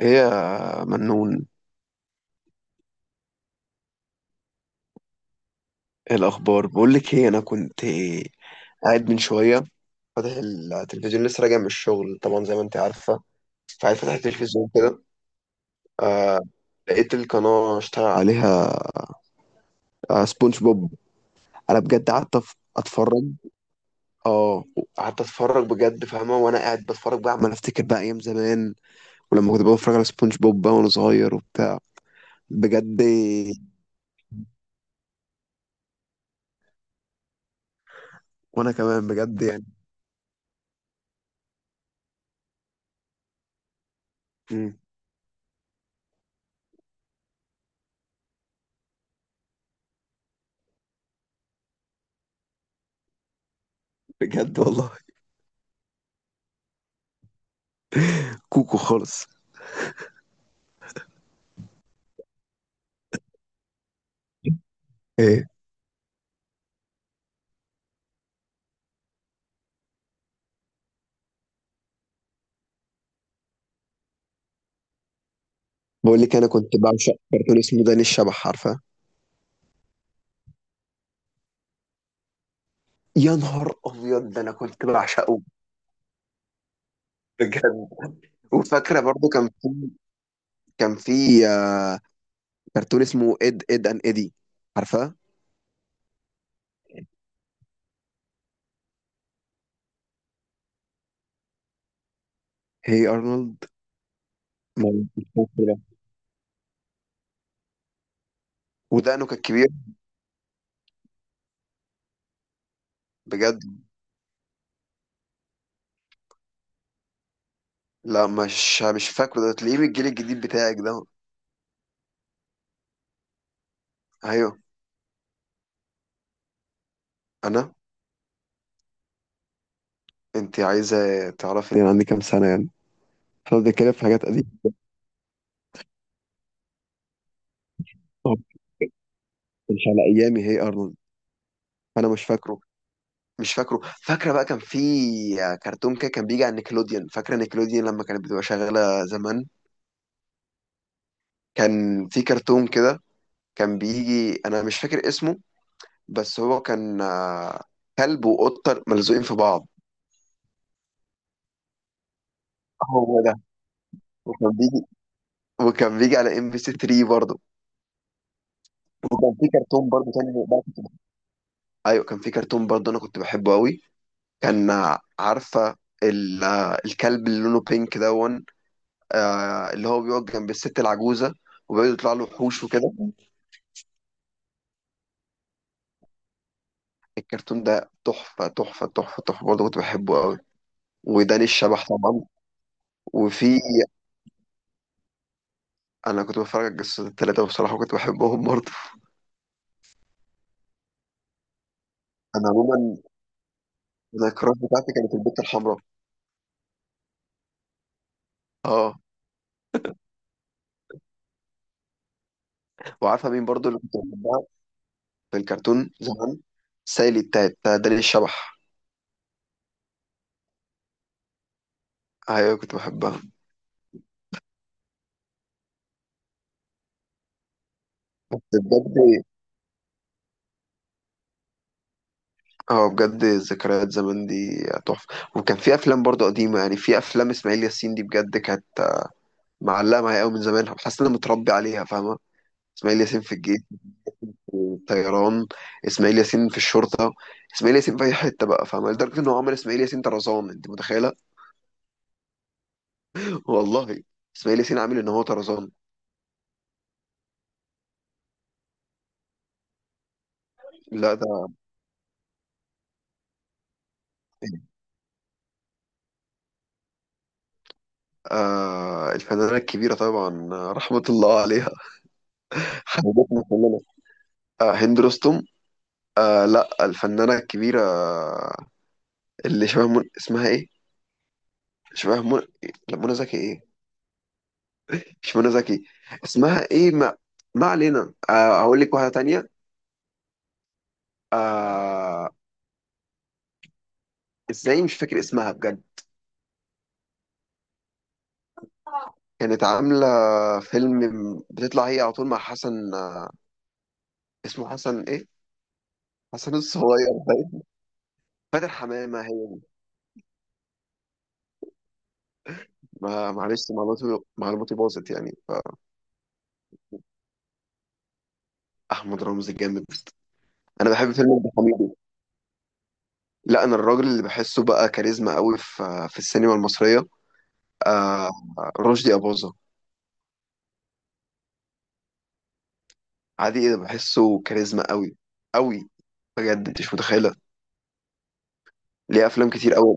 ايه يا منون؟ ايه الاخبار؟ بقول لك ايه، انا كنت قاعد من شويه فاتح التلفزيون، لسه راجع من الشغل طبعا زي ما انت عارفه. فقاعد فاتح التلفزيون كده. آه، لقيت القناه اشتغل عليها. آه، سبونج بوب. انا بجد قعدت اتفرج. اه، قعدت اتفرج بجد فاهمه، وانا قاعد بتفرج بقى عمال افتكر بقى ايام زمان، ولما كنت بتفرج على سبونج بوب بقى وانا صغير وبتاع. بجد. وانا كمان بجد يعني. مم، بجد والله، كوكو خالص. إيه، بقول لك انا كنت بعشق كرتون اسمه داني الشبح، عارفه؟ يا نهار ابيض، ده انا كنت بعشقه بجد. وفاكره برضو، كان في آه، كرتون اسمه اد ان ايدي، عارفه؟ هي ارنولد؟ مش فاكر ده. ودقنه كان كبير. بجد؟ لا، مش فاكره ده، تلاقيه من الجيل الجديد بتاعك ده. ايوه، انا. انت عايزه تعرفي انا عندي كام سنه يعني؟ احنا بنتكلم في حاجات قديمه. مش على ايامي هي ارنولد. انا مش فاكره فاكره بقى كان في كرتون كده، كان بيجي على نيكلوديان، فاكره نيكلوديان لما كانت بتبقى شغاله زمان؟ كان في كرتون كده كان بيجي، انا مش فاكر اسمه، بس هو كان آه، كلب وقطه ملزوقين في بعض. هو ده. وكان بيجي وكان بيجي على ام بي سي 3 برضه. وكان في كرتون برضه تاني بقى كنت بحبه. ايوه كان في كرتون برضه انا كنت بحبه قوي، كان آه، عارفه آه، الكلب اللي لونه بينك دون، آه، اللي هو بيقعد جنب الست العجوزه، وبيقعد يطلع له وحوش وكده. الكرتون ده تحفة، تحفة تحفة تحفة، برضه كنت بحبه قوي. وداني الشبح طبعا. وفي، أنا كنت بتفرج على الجاسوسات التلاتة وبصراحة كنت بحبهم برضه. أنا عموما، أنا الكراس بتاعتي كانت البت الحمراء. اه. وعارفة مين برضه اللي كنت بحبها في الكرتون زمان؟ سايلي بتاعت بتاع داني الشبح. أيوة كنت بحبها. بس بجد، اه بجد، ذكريات زمان دي تحفة. وكان في أفلام برضه قديمة يعني، في أفلام إسماعيل ياسين دي بجد كانت معلقة معايا قوي من زمان، حاسس إن أنا متربي عليها، فاهمة؟ إسماعيل ياسين في الجيش، الطيران، اسماعيل ياسين في الشرطه، اسماعيل ياسين في اي حته بقى، فاهمه؟ لدرجه ان هو عمل اسماعيل ياسين طرزان، انت متخيله؟ والله، اسماعيل ياسين عامل ان هو طرزان. لا ده آه الفنانه الكبيره طبعا، آه، رحمه الله عليها. حبيبتنا كلنا. آه، هند رستم. آه لا، الفنانه الكبيره، آه، اللي شبه اسمها ايه؟ شبه لا، منى زكي؟ ايه، مش منى زكي. اسمها ايه؟ ما، ما علينا، آه هقول لك واحده تانية. آه. ازاي مش فاكر اسمها بجد. كانت عاملة فيلم بتطلع هي على طول مع حسن، آه، اسمه حسن ايه؟ حسن الصغير باين. فاتن حمامة هي دي. معلش، معلوماتي معلوماتي باظت يعني. فأحمد رمزي الجامد. أنا بحب فيلم ابن حميدو. لا، أنا الراجل اللي بحسه بقى كاريزما قوي في في السينما المصرية آه، رشدي أباظة. عادي؟ إيه ده، بحسه كاريزما قوي قوي، بجد أنت مش متخيلة. ليه أفلام كتير قوي.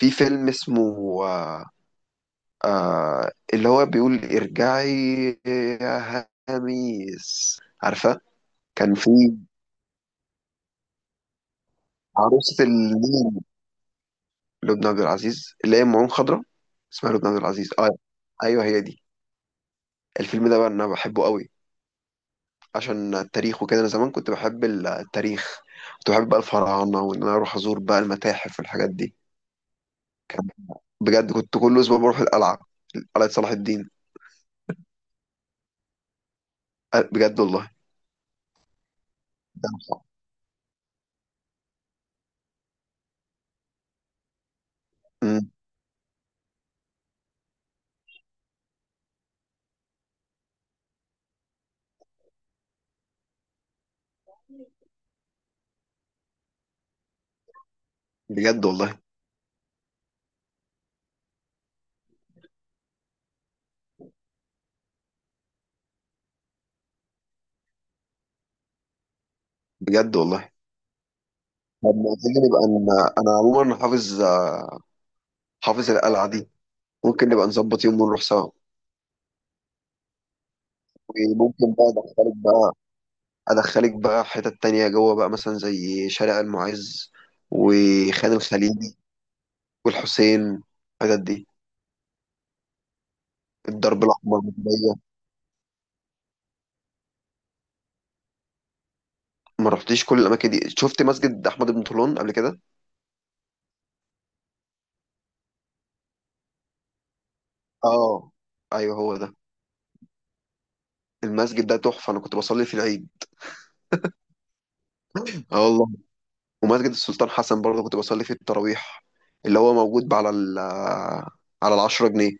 في فيلم اسمه آه، آه اللي هو بيقول ارجعي يا هاميس، عارفة؟ كان في عروسة المين، لبنى عبد العزيز اللي هي أم عين خضرا، اسمها لبنى عبد العزيز اه. ايوه هي دي. الفيلم ده بقى انا بحبه قوي عشان التاريخ وكده. انا زمان كنت بحب التاريخ، كنت بحب بقى الفراعنة، وان انا اروح ازور بقى المتاحف والحاجات دي. بجد كنت كل اسبوع بروح القلعة، قلعة صلاح الدين. أه، بجد والله. ده أنا- أمم، بجد والله. بجد والله. طب ما تيجي نبقى انا عموما حافظ آه، حافظ القلعه دي، ممكن نبقى نظبط يوم ونروح سوا. وممكن بقى ادخلك بقى، ادخلك بقى حتت تانية جوه بقى، مثلا زي شارع المعز وخان الخليلي والحسين، الحتت دي، الدرب الاحمر والميدانية. ما رحتيش كل الاماكن دي؟ شفت مسجد احمد بن طولون قبل كده؟ اه ايوه هو ده. المسجد ده تحفه، انا كنت بصلي في العيد. اه والله. ومسجد السلطان حسن برضه كنت بصلي فيه التراويح، اللي هو موجود على ال، على العشرة جنيه.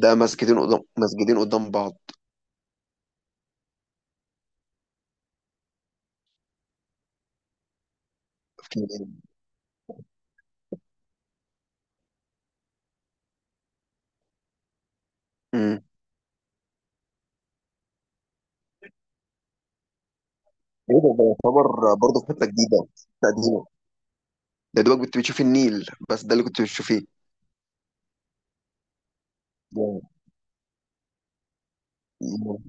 ده مسجدين قدام، مسجدين قدام بعض. في كيلو. امم. ايه ده، ده يعتبر برضه في حته جديده، تقديمه. ده دوبك كنت بتشوف النيل، بس ده اللي كنت بتشوفيه يعني- يعني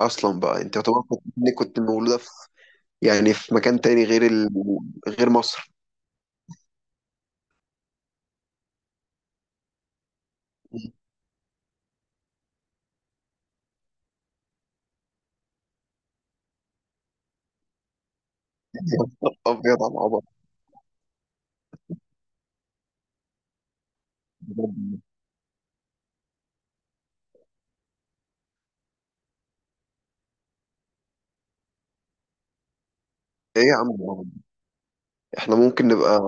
اصلا بقى انت يعتبر كنت، إنك كنت مولوده في، يعني في مكان تاني غير غير مصر. ابيض على العبط، بجد. ايه يا عم العبط ده؟ احنا ممكن نبقى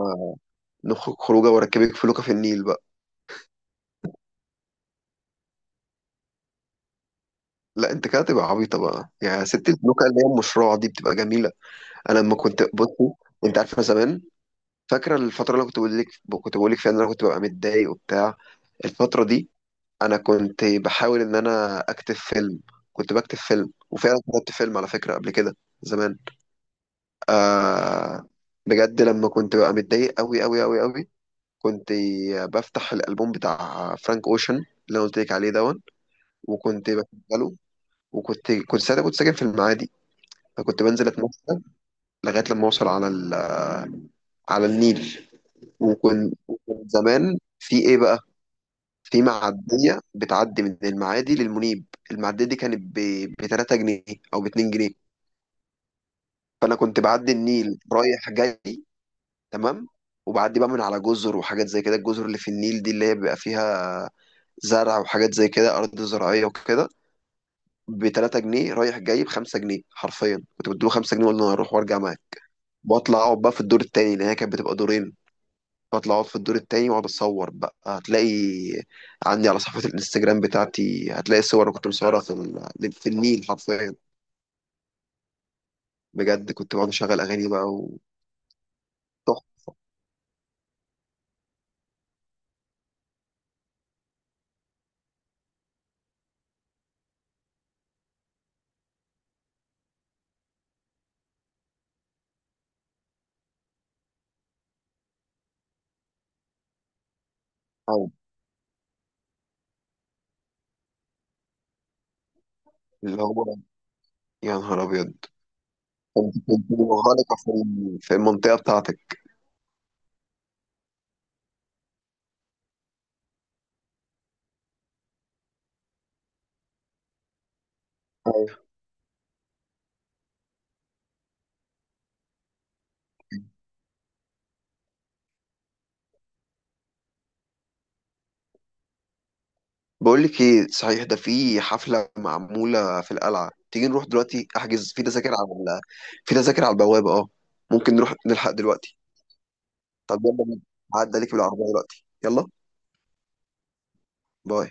نخرج خروجه واركبك فلوكه في النيل بقى. لا انت كده تبقى عبيطه بقى، يعني ست البلوكه اللي هي المشروع دي بتبقى جميله. انا لما كنت بصي، انت عارفه زمان، فاكره الفتره اللي أنا كنت بقول لك، كنت بقول لك فيها ان انا كنت ببقى متضايق وبتاع؟ الفتره دي انا كنت بحاول ان انا اكتب فيلم. كنت بكتب فيلم، وفعلا كتبت فيلم على فكره قبل كده، زمان. آه. بجد لما كنت ببقى متضايق قوي قوي قوي قوي، كنت بفتح الالبوم بتاع فرانك اوشن اللي انا قلت لك عليه دون، وكنت بشغله. وكنت ساعتها كنت ساكن في المعادي، فكنت بنزل اتمشى لغايه لما اوصل على على النيل. وكن وكن زمان في ايه بقى، في معديه بتعدي من المعادي للمنيب. المعديه دي كانت ب 3 جنيه او ب 2 جنيه، فانا كنت بعدي النيل رايح جاي تمام، وبعدي بقى من على جزر وحاجات زي كده، الجزر اللي في النيل دي اللي هي بيبقى فيها زرع وحاجات زي كده، ارض زراعيه وكده. ب 3 جنيه رايح جاي، ب 5 جنيه حرفيا كنت بديله 5 جنيه واقول له انا هروح وارجع معاك، واطلع اقعد بقى في الدور التاني لان هي كانت بتبقى دورين. بطلع اقعد في الدور التاني واقعد اتصور بقى. هتلاقي عندي على صفحة الانستجرام بتاعتي هتلاقي صور كنت مصورها في في النيل حرفيا. بجد كنت بقعد اشغل اغاني بقى وتحفة، اللي هو يا نهار ابيض. كنت كنت منغلقة في في المنطقة بتاعتك. أيوة. بقول لك ايه صحيح، ده في حفلة معمولة في القلعة، تيجي نروح دلوقتي؟ احجز في تذاكر على ال، في تذاكر على البوابة اه، ممكن نروح نلحق دلوقتي. طب يلا بينا. هعدي عليك بالعربية دلوقتي، يلا، باي.